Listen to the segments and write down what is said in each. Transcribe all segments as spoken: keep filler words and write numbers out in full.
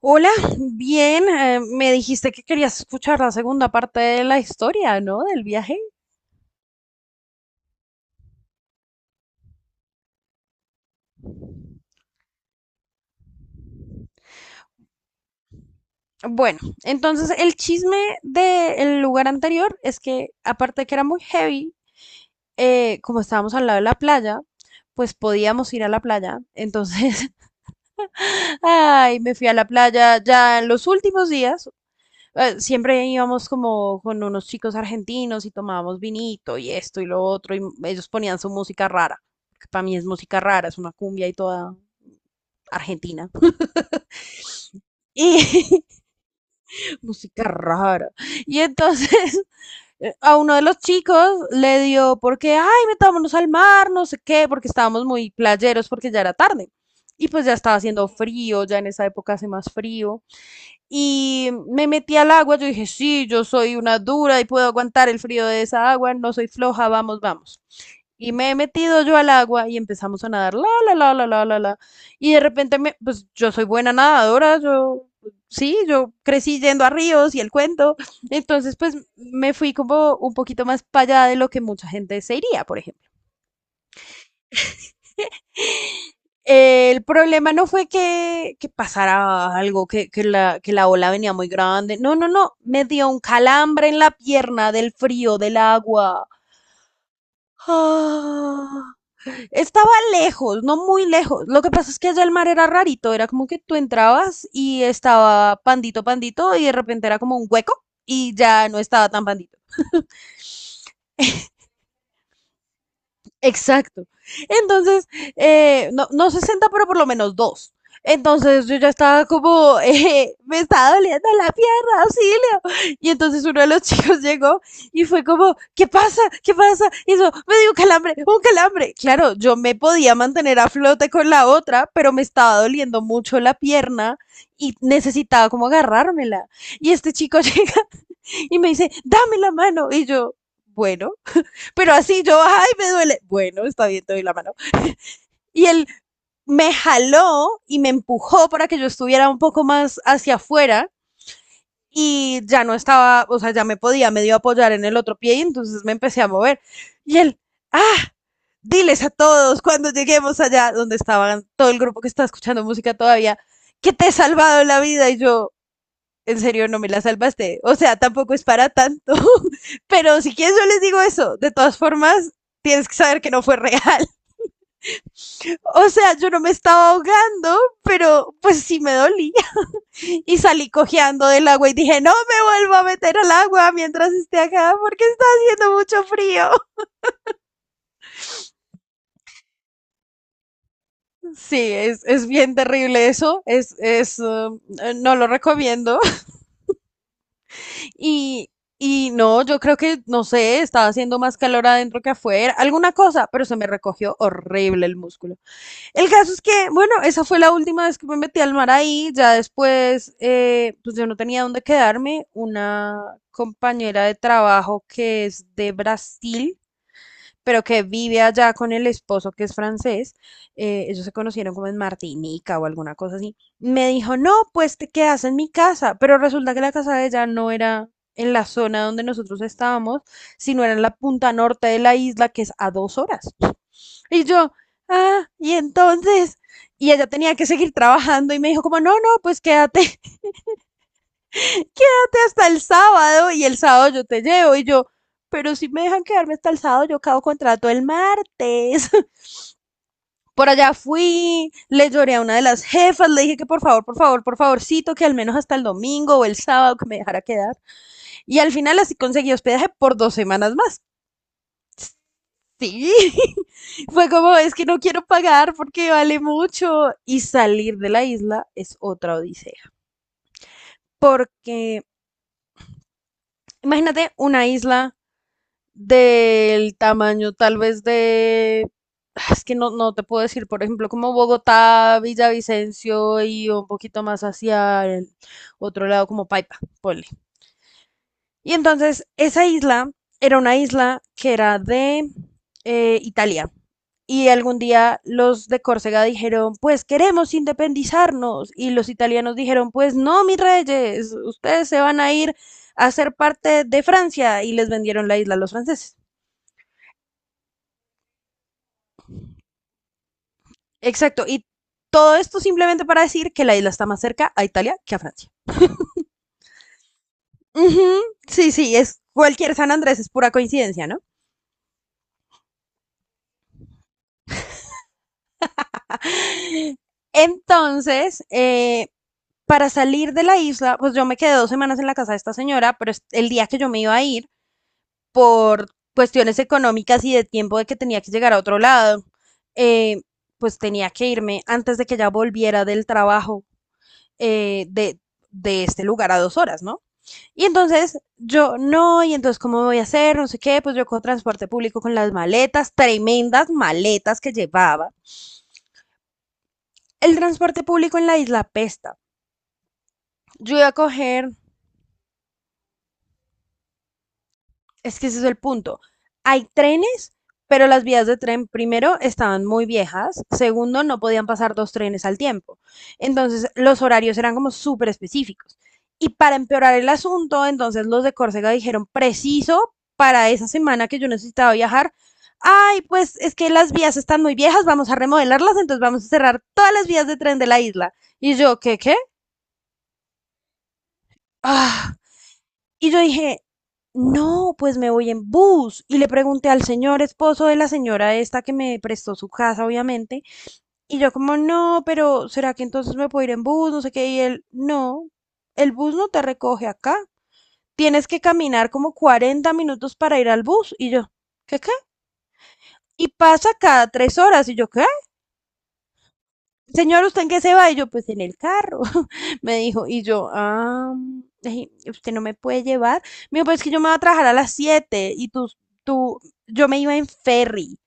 Hola, bien, eh, me dijiste que querías escuchar la segunda parte de la historia, ¿no? Del viaje. Bueno, entonces el chisme del lugar anterior es que, aparte de que era muy heavy, eh, como estábamos al lado de la playa, pues podíamos ir a la playa. Entonces, ay, me fui a la playa ya en los últimos días. eh, Siempre íbamos como con unos chicos argentinos y tomábamos vinito y esto y lo otro, y ellos ponían su música rara, que para mí es música rara, es una cumbia y toda Argentina. Y música rara. Y entonces a uno de los chicos le dio porque, ay, metámonos al mar, no sé qué, porque estábamos muy playeros porque ya era tarde. Y pues ya estaba haciendo frío, ya en esa época hace más frío. Y me metí al agua, yo dije, sí, yo soy una dura y puedo aguantar el frío de esa agua, no soy floja, vamos, vamos. Y me he metido yo al agua y empezamos a nadar, la, la, la, la, la, la, la. Y de repente, me, pues yo soy buena nadadora, yo, sí, yo crecí yendo a ríos y el cuento. Entonces, pues me fui como un poquito más para allá de lo que mucha gente se iría, por ejemplo. El problema no fue que, que pasara algo, que, que, la, que la ola venía muy grande. No, no, no. Me dio un calambre en la pierna del frío, del agua. Ah. Estaba lejos, no muy lejos. Lo que pasa es que allá el mar era rarito, era como que tú entrabas y estaba pandito, pandito, y de repente era como un hueco y ya no estaba tan pandito. Exacto. Entonces, eh, no, no sesenta, pero por lo menos dos. Entonces yo ya estaba como, eh, me estaba doliendo la pierna, auxilio. Y entonces uno de los chicos llegó y fue como, ¿qué pasa? ¿Qué pasa? Y eso, me dio un calambre, un calambre. Claro, yo me podía mantener a flote con la otra, pero me estaba doliendo mucho la pierna y necesitaba como agarrármela. Y este chico llega y me dice, dame la mano. Y yo, bueno, pero así yo, ay, me duele. Bueno, está bien, te doy la mano. Y él me jaló y me empujó para que yo estuviera un poco más hacia afuera y ya no estaba, o sea, ya me podía medio apoyar en el otro pie y entonces me empecé a mover. Y él, ah, diles a todos cuando lleguemos allá donde estaban todo el grupo que está escuchando música todavía, que te he salvado la vida y yo, en serio, no me la salvaste. O sea, tampoco es para tanto, pero si quieres yo les digo eso, de todas formas, tienes que saber que no fue real. O sea, yo no me estaba ahogando, pero pues sí me dolía. Y salí cojeando del agua y dije, no me vuelvo a meter al agua mientras esté acá porque está haciendo mucho frío. Sí, es, es bien terrible eso. Es, es, uh, no lo recomiendo. Y, y no, yo creo que, no sé, estaba haciendo más calor adentro que afuera, alguna cosa, pero se me recogió horrible el músculo. El caso es que, bueno, esa fue la última vez que me metí al mar ahí. Ya después, eh, pues yo no tenía dónde quedarme. Una compañera de trabajo que es de Brasil, pero que vive allá con el esposo que es francés. eh, ellos se conocieron como en Martinica o alguna cosa así. Me dijo, no, pues te quedas en mi casa. Pero resulta que la casa de ella no era en la zona donde nosotros estábamos, sino era en la punta norte de la isla, que es a dos horas. Y yo, ah, y entonces, y ella tenía que seguir trabajando y me dijo como, no, no, pues quédate hasta el sábado y el sábado yo te llevo y yo, pero si me dejan quedarme hasta el sábado, yo acabo contrato el martes. Por allá fui, le lloré a una de las jefas, le dije que por favor, por favor, por favorcito, que al menos hasta el domingo o el sábado que me dejara quedar. Y al final así conseguí hospedaje por dos semanas más. Sí. Fue como, es que no quiero pagar porque vale mucho. Y salir de la isla es otra odisea. Porque, imagínate una isla del tamaño tal vez de... ah, es que no, no te puedo decir, por ejemplo, como Bogotá, Villavicencio y un poquito más hacia el otro lado como Paipa. Por Y entonces esa isla era una isla que era de eh, Italia. Y algún día los de Córcega dijeron, pues queremos independizarnos. Y los italianos dijeron, pues no, mis reyes, ustedes se van a ir a ser parte de Francia. Y les vendieron la isla a los franceses. Exacto. Y todo esto simplemente para decir que la isla está más cerca a Italia que a Francia. Ujú, Sí, sí, es cualquier San Andrés, es pura coincidencia, ¿no? Entonces, eh, para salir de la isla, pues yo me quedé dos semanas en la casa de esta señora, pero el día que yo me iba a ir, por cuestiones económicas y de tiempo de que tenía que llegar a otro lado, eh, pues tenía que irme antes de que ella volviera del trabajo, eh, de, de este lugar a dos horas, ¿no? Y entonces yo no, y entonces ¿cómo voy a hacer? No sé qué, pues yo con transporte público con las maletas, tremendas maletas que llevaba. El transporte público en la isla pesta. Yo iba a coger. Es que ese es el punto. Hay trenes, pero las vías de tren, primero, estaban muy viejas. Segundo, no podían pasar dos trenes al tiempo. Entonces, los horarios eran como súper específicos. Y para empeorar el asunto, entonces los de Córcega dijeron, preciso para esa semana que yo necesitaba viajar, ay, pues es que las vías están muy viejas, vamos a remodelarlas, entonces vamos a cerrar todas las vías de tren de la isla. Y yo, ¿qué, qué? Ah, y yo dije, no, pues me voy en bus. Y le pregunté al señor esposo de la señora esta que me prestó su casa, obviamente. Y yo como, no, pero ¿será que entonces me puedo ir en bus? No sé qué. Y él, no, el bus no te recoge acá. Tienes que caminar como cuarenta minutos para ir al bus. Y yo, ¿qué qué? Y pasa cada tres horas. Y yo, ¿qué? Señor, ¿usted en qué se va? Y yo, pues en el carro, me dijo. Y yo, ah, ay, usted no me puede llevar. Me dijo, pues es que yo me voy a trabajar a las siete y tú, tú, yo me iba en ferry,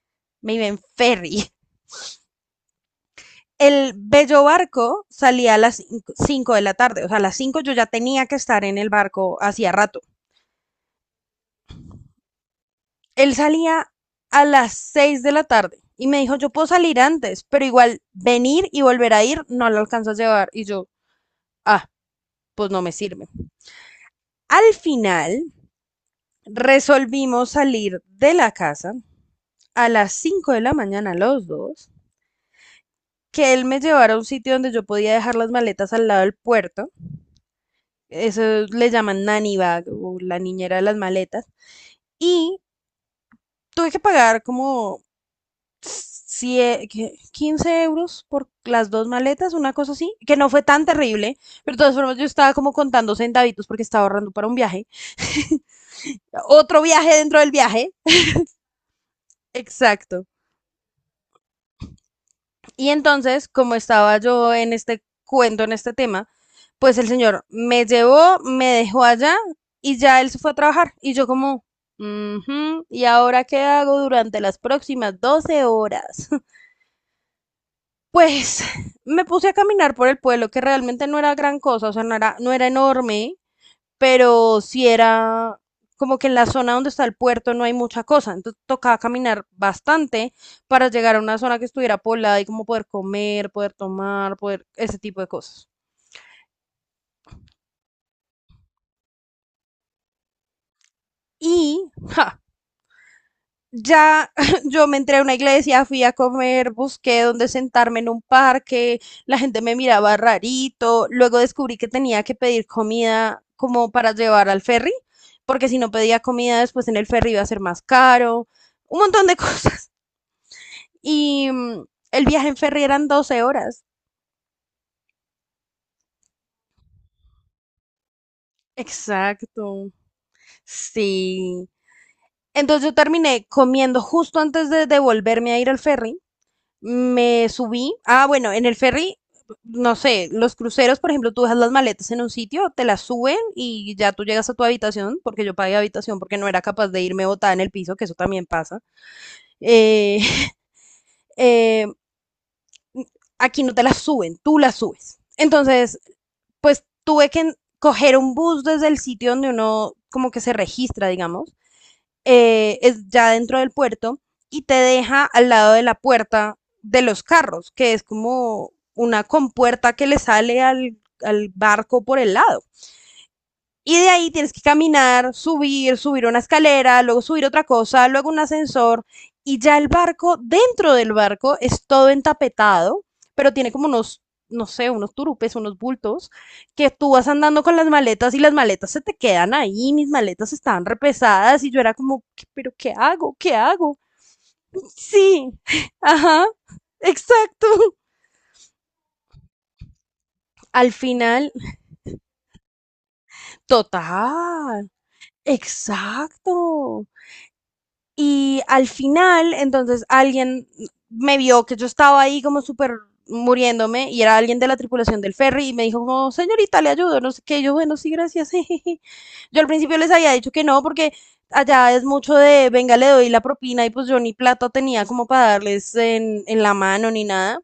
me iba en ferry. El bello barco salía a las cinco de la tarde, o sea, a las cinco yo ya tenía que estar en el barco hacía rato. Él salía a las seis de la tarde y me dijo, yo puedo salir antes, pero igual venir y volver a ir no lo alcanzo a llevar. Y yo, ah, pues no me sirve. Al final resolvimos salir de la casa a las cinco de la mañana los dos, que él me llevara a un sitio donde yo podía dejar las maletas al lado del puerto, eso le llaman nanny bag o la niñera de las maletas, y tuve que pagar como sie- quince euros por las dos maletas, una cosa así, que no fue tan terrible, pero de todas formas yo estaba como contando centavitos porque estaba ahorrando para un viaje, otro viaje dentro del viaje, exacto. Y entonces, como estaba yo en este cuento, en este tema, pues el señor me llevó, me dejó allá y ya él se fue a trabajar. Y yo como, "Ujú, ¿y ahora qué hago durante las próximas doce horas? Pues me puse a caminar por el pueblo, que realmente no era gran cosa, o sea, no era, no era enorme, pero si era como que en la zona donde está el puerto no hay mucha cosa, entonces tocaba caminar bastante para llegar a una zona que estuviera poblada y como poder comer, poder tomar, poder ese tipo de cosas. Y ja, ya yo me entré a una iglesia, fui a comer, busqué dónde sentarme en un parque, la gente me miraba rarito, luego descubrí que tenía que pedir comida como para llevar al ferry, porque si no pedía comida después en el ferry iba a ser más caro, un montón de cosas. Y mm, el viaje en ferry eran doce horas. Exacto. Sí. Entonces yo terminé comiendo justo antes de, de volverme a ir al ferry. Me subí. Ah, bueno, en el ferry, no sé, los cruceros, por ejemplo, tú dejas las maletas en un sitio, te las suben y ya tú llegas a tu habitación, porque yo pagué habitación porque no era capaz de irme botada en el piso, que eso también pasa. Eh, eh, aquí no te las suben, tú las subes. Entonces, pues tuve que coger un bus desde el sitio donde uno como que se registra, digamos, eh, es ya dentro del puerto y te deja al lado de la puerta de los carros, que es como una compuerta que le sale al, al barco por el lado. Y de ahí tienes que caminar, subir, subir una escalera, luego subir otra cosa, luego un ascensor. Y ya el barco, dentro del barco, es todo entapetado, pero tiene como unos, no sé, unos turupes, unos bultos, que tú vas andando con las maletas y las maletas se te quedan ahí, mis maletas estaban repesadas y yo era como, pero ¿qué hago? ¿Qué hago? Sí, ajá, exacto. Al final, total, exacto. Y al final, entonces alguien me vio que yo estaba ahí como súper muriéndome y era alguien de la tripulación del ferry y me dijo como, señorita, le ayudo, no sé qué, yo, bueno, sí, gracias. Yo al principio les había dicho que no porque allá es mucho de, venga, le doy la propina y pues yo ni plata tenía como para darles en, en la mano ni nada.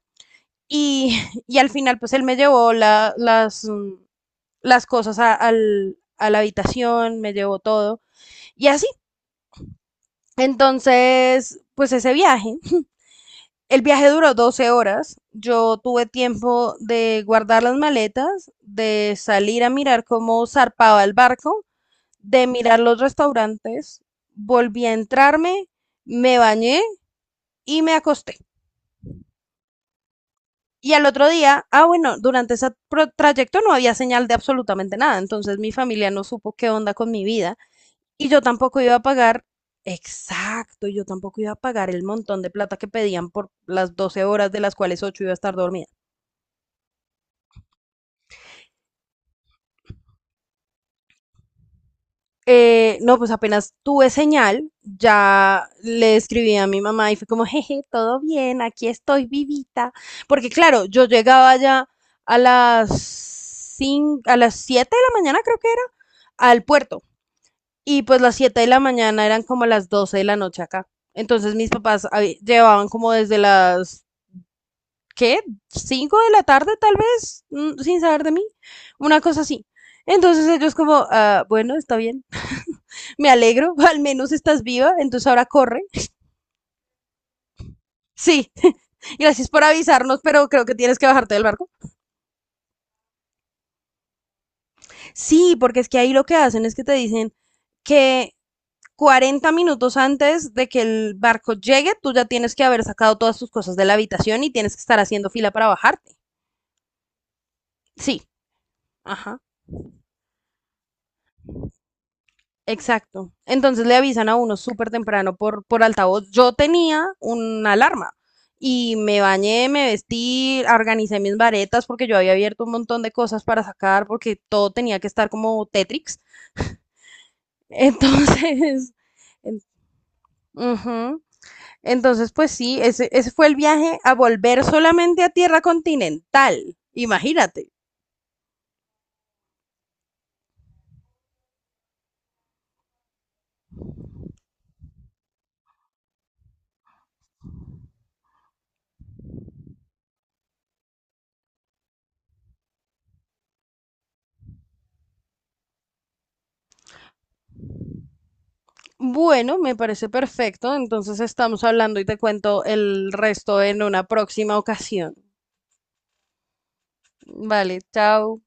Y y al final pues él me llevó la, las, mm, las cosas a, al, a la habitación, me llevó todo y así. Entonces, pues ese viaje, el viaje duró doce horas. Yo tuve tiempo de guardar las maletas, de salir a mirar cómo zarpaba el barco, de mirar los restaurantes. Volví a entrarme, me bañé y me acosté. Y al otro día, ah, bueno, durante ese pro- trayecto no había señal de absolutamente nada, entonces mi familia no supo qué onda con mi vida y yo tampoco iba a pagar, exacto, yo tampoco iba a pagar el montón de plata que pedían por las doce horas de las cuales ocho iba a estar dormida. Eh, no, pues apenas tuve señal, ya le escribí a mi mamá y fue como, jeje, todo bien, aquí estoy vivita. Porque claro, yo llegaba ya a las cin- a las siete de la mañana, creo que era, al puerto. Y pues las siete de la mañana eran como las doce de la noche acá. Entonces mis papás habi- llevaban como desde las, ¿qué? Cinco de la tarde tal vez, mm, sin saber de mí, una cosa así. Entonces ellos como, "Ah, bueno, está bien, me alegro, al menos estás viva, entonces ahora corre. Sí, gracias por avisarnos, pero creo que tienes que bajarte del barco. Sí, porque es que ahí lo que hacen es que te dicen que cuarenta minutos antes de que el barco llegue, tú ya tienes que haber sacado todas tus cosas de la habitación y tienes que estar haciendo fila para bajarte. Sí, ajá. Exacto. Entonces le avisan a uno súper temprano por por altavoz. Yo tenía una alarma y me bañé, me vestí, organicé mis varetas porque yo había abierto un montón de cosas para sacar porque todo tenía que estar como Tetrix. Entonces, en- ujú. Entonces pues sí, ese, ese fue el viaje a volver solamente a tierra continental. Imagínate. Bueno, me parece perfecto. Entonces estamos hablando y te cuento el resto en una próxima ocasión. Vale, chao.